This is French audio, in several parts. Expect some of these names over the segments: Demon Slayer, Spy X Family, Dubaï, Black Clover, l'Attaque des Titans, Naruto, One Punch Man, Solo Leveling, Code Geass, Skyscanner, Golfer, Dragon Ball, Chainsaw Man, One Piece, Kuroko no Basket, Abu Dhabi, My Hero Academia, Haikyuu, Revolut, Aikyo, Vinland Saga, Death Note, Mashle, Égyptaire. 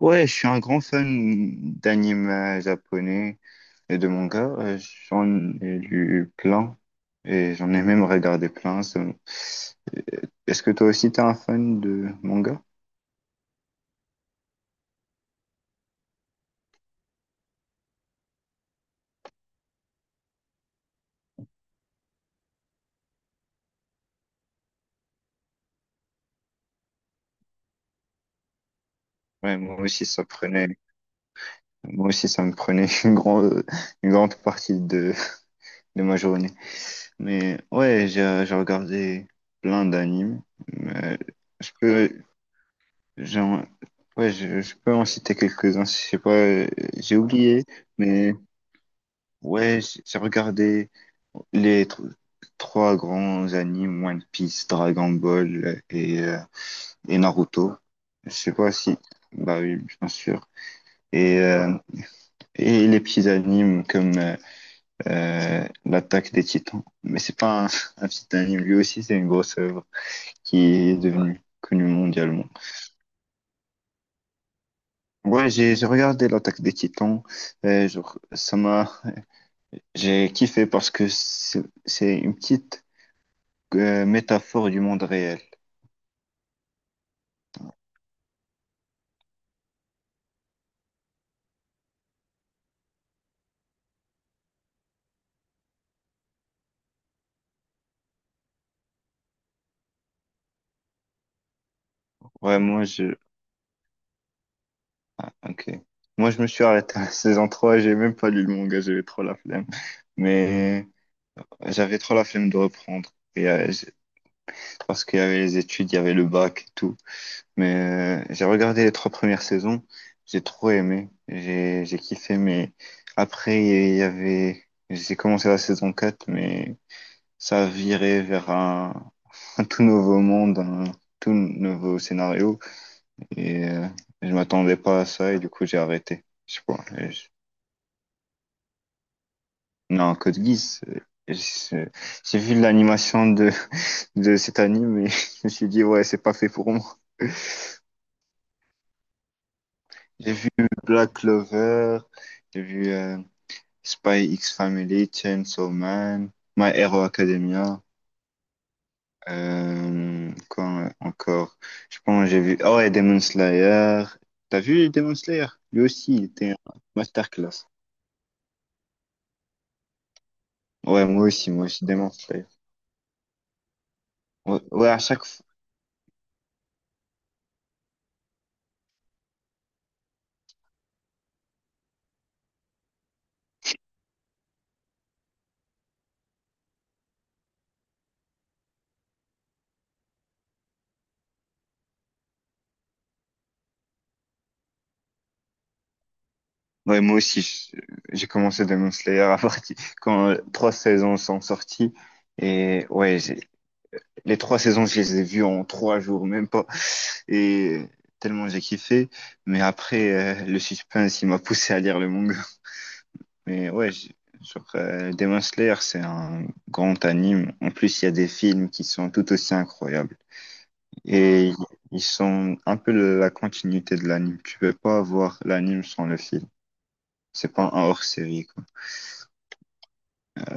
Ouais, je suis un grand fan d'anime japonais et de manga. J'en ai lu plein et j'en ai même regardé plein. Est-ce que toi aussi t'es un fan de manga? Ouais, moi aussi ça me prenait une grande partie de ma journée. Mais ouais, j'ai regardé plein d'animes. Mais Je peux, j'en- ouais, je peux en citer quelques-uns. Je sais pas, j'ai oublié, mais ouais, j'ai regardé les trois grands animes, One Piece, Dragon Ball et Naruto. Je sais pas si, bah oui, bien sûr. Et, euh, et les petits animes comme l'Attaque des Titans. Mais c'est pas un, un petit anime, lui aussi c'est une grosse œuvre qui est devenue connue mondialement. Ouais, j'ai regardé l'Attaque des Titans. Genre, ça m'a, j'ai kiffé parce que c'est une petite métaphore du monde réel. Ouais, moi je. Ah, ok. Moi je me suis arrêté à la saison trois, j'ai même pas lu le manga, j'avais trop la flemme. Mais j'avais trop la flemme de reprendre. Parce qu'il y avait les études, il y avait le bac et tout. Mais j'ai regardé les trois premières saisons, j'ai trop aimé, j'ai kiffé. Mais après, il y avait. J'ai commencé la saison quatre, mais ça a viré vers un, un tout nouveau monde, un tout nouveau scénario. Et je m'attendais pas à ça et du coup j'ai arrêté. Je sais pas. Non, Code Geass. Je- J'ai vu l'animation de cet anime et je me suis dit ouais c'est pas fait pour moi. J'ai vu Black Clover, j'ai vu Spy X Family, Chainsaw Man, My Hero Academia. Quoi encore? Je pense que j'ai vu. Oh ouais, Demon Slayer. T'as vu Demon Slayer? Lui aussi, il était un masterclass. Ouais, moi aussi, Demon Slayer. Ouais, ouais, à chaque fois. Ouais, moi aussi, j'ai commencé Demon Slayer à partir quand trois saisons sont sorties. Et ouais, les trois saisons, je les ai vues en 3 jours, même pas. Et tellement j'ai kiffé. Mais après, le suspense, il m'a poussé à lire le manga. Mais ouais, genre, Demon Slayer, c'est un grand anime. En plus, il y a des films qui sont tout aussi incroyables. Et ils sont un peu la continuité de l'anime. Tu peux pas avoir l'anime sans le film. C'est pas un hors-série, quoi.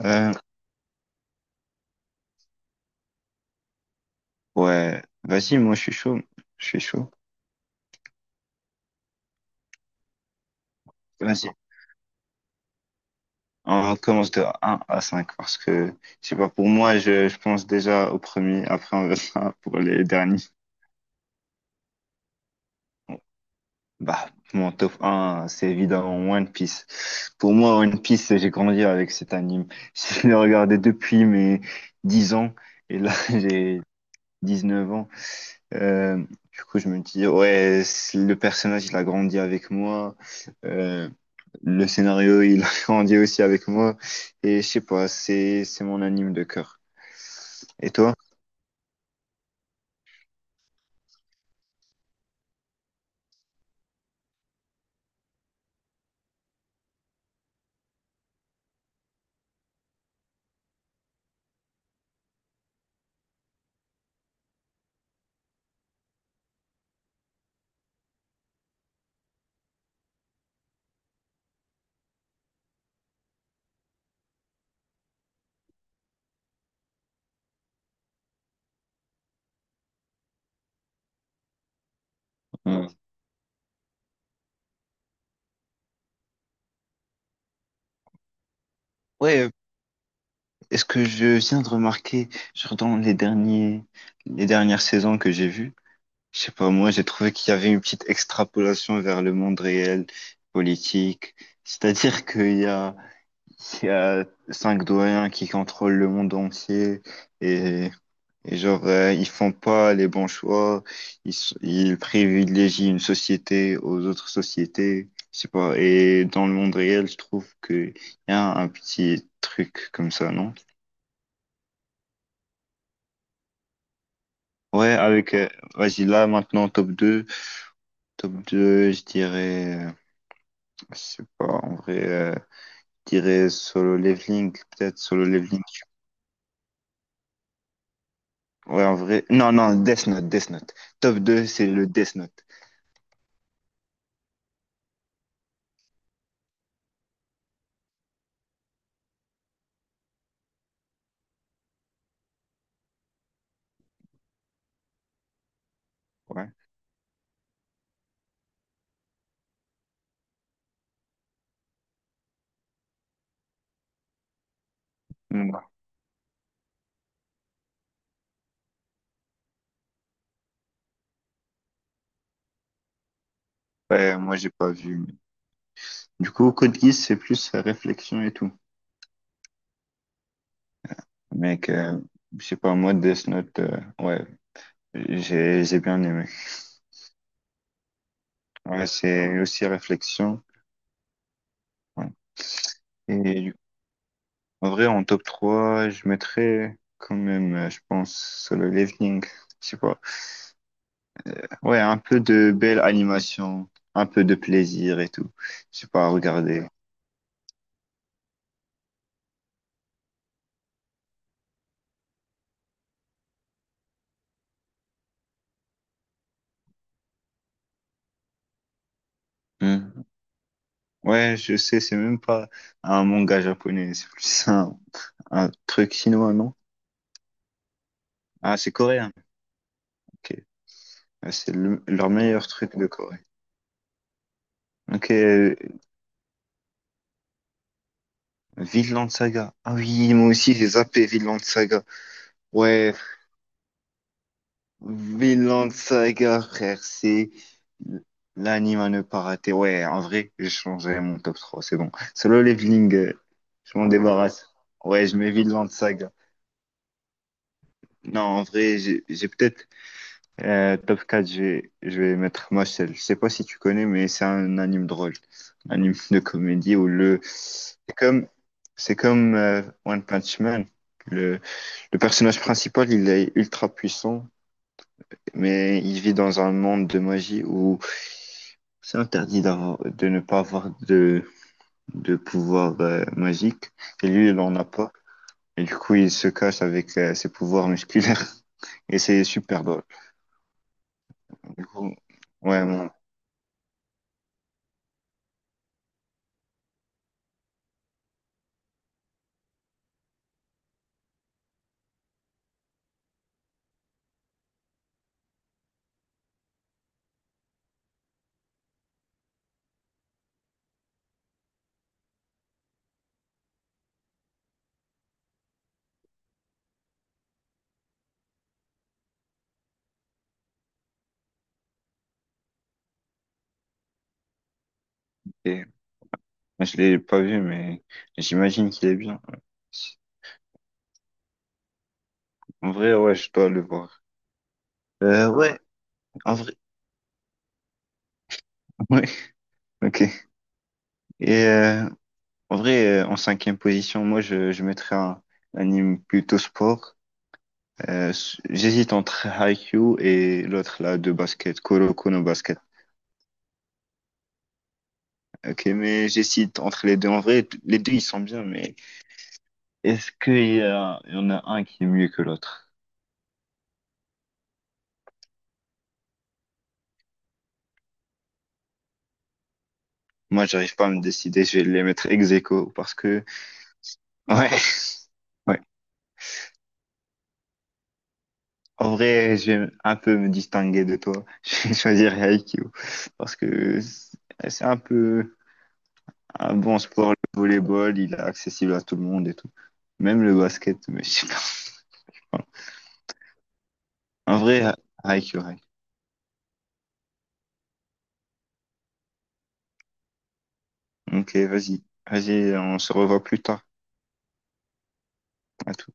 Euh, ouais, vas-y, moi je suis chaud. Je suis chaud. Vas-y. On commence de un à 5 parce que, je sais pas, pour moi, je pense déjà au premier, après on verra pour les derniers. Bon, bah, mon top un c'est évidemment One Piece. Pour moi, One Piece, j'ai grandi avec cet anime. Je l'ai regardé depuis mes 10 ans et là, j'ai 19 ans. Euh, du coup, je me dis, ouais, le personnage, il a grandi avec moi. Euh, le scénario, il a grandi aussi avec moi. Et je sais pas, c'est mon anime de cœur. Et toi? Hmm. Ouais, est-ce que je viens de remarquer, genre dans les derniers, les dernières saisons que j'ai vues, je sais pas, moi j'ai trouvé qu'il y avait une petite extrapolation vers le monde réel, politique. C'est-à-dire qu'il y a cinq doyens qui contrôlent le monde entier. Et Et genre, ils font pas les bons choix, ils privilégient une société aux autres sociétés, je sais pas. Et dans le monde réel, je trouve qu'il y a un petit truc comme ça, non? Ouais, avec, vas-y, là, maintenant, top deux. Top deux, je dirais, je sais pas, en vrai, je dirais Solo Leveling, peut-être Solo Leveling. Ouais, en vrai, non, non, Death Note, Death Note. Top 2 c'est le Death Note. Ouais. Mm. Ouais, moi, j'ai pas vu. Du coup, Code Geass, c'est plus réflexion et tout. Mec que, je sais pas, moi, Death Note, ouais, j'ai bien aimé. Ouais, c'est aussi réflexion. Ouais. Et du- En vrai, en top 3 je mettrais quand même, je pense, Solo Leveling. Je sais pas. Ouais, un peu de belle animation, un peu de plaisir et tout. Je sais pas, regarder. Hmm. Ouais, je sais, c'est même pas un manga japonais, c'est plus un, truc chinois, non? Ah, c'est coréen. Ok. Ouais, leur meilleur truc de Corée. Ok, Vinland Saga. Ah oui, moi aussi j'ai zappé Vinland Saga. Ouais, Vinland Saga, frère, c'est l'anime à ne pas rater. Ouais, en vrai, j'ai changé mon top trois, c'est bon. Solo Leveling, je m'en débarrasse. Ouais, je mets Vinland Saga. Non, en vrai, j'ai peut-être top 4, je vais, mettre Mashle. Je sais pas si tu connais, mais c'est un anime drôle. Un anime de comédie où le. C'est comme, One Punch Man. Le, le personnage principal, il est ultra puissant, mais il vit dans un monde de magie où c'est interdit de ne pas avoir de pouvoir magique. Et lui, il en a pas. Et du coup, il se cache avec ses pouvoirs musculaires. Et c'est super drôle. Du coup, ouais, et Je l'ai pas vu, mais j'imagine qu'il est bien. En vrai, ouais, je dois le voir. Ouais, en vrai, ouais, ok. Et en vrai, en cinquième position, moi, je mettrais un, anime plutôt sport. J'hésite entre Haikyuu et l'autre là de basket, Kuroko no Basket. Ok, mais j'hésite entre les deux. En vrai, les deux, ils sont bien, mais est-ce qu'il y en a un qui est mieux que l'autre? Moi, j'arrive pas à me décider. Je vais les mettre ex aequo parce que, ouais. En vrai, je vais un peu me distinguer de toi. Je vais choisir Aikyo parce que c'est un peu un bon sport, le volleyball, il est accessible à tout le monde et tout. Même le basket, mais je sais pas. Voilà. En vrai, Aikyo, ok, vas-y. Vas-y, on se revoit plus tard. À tout.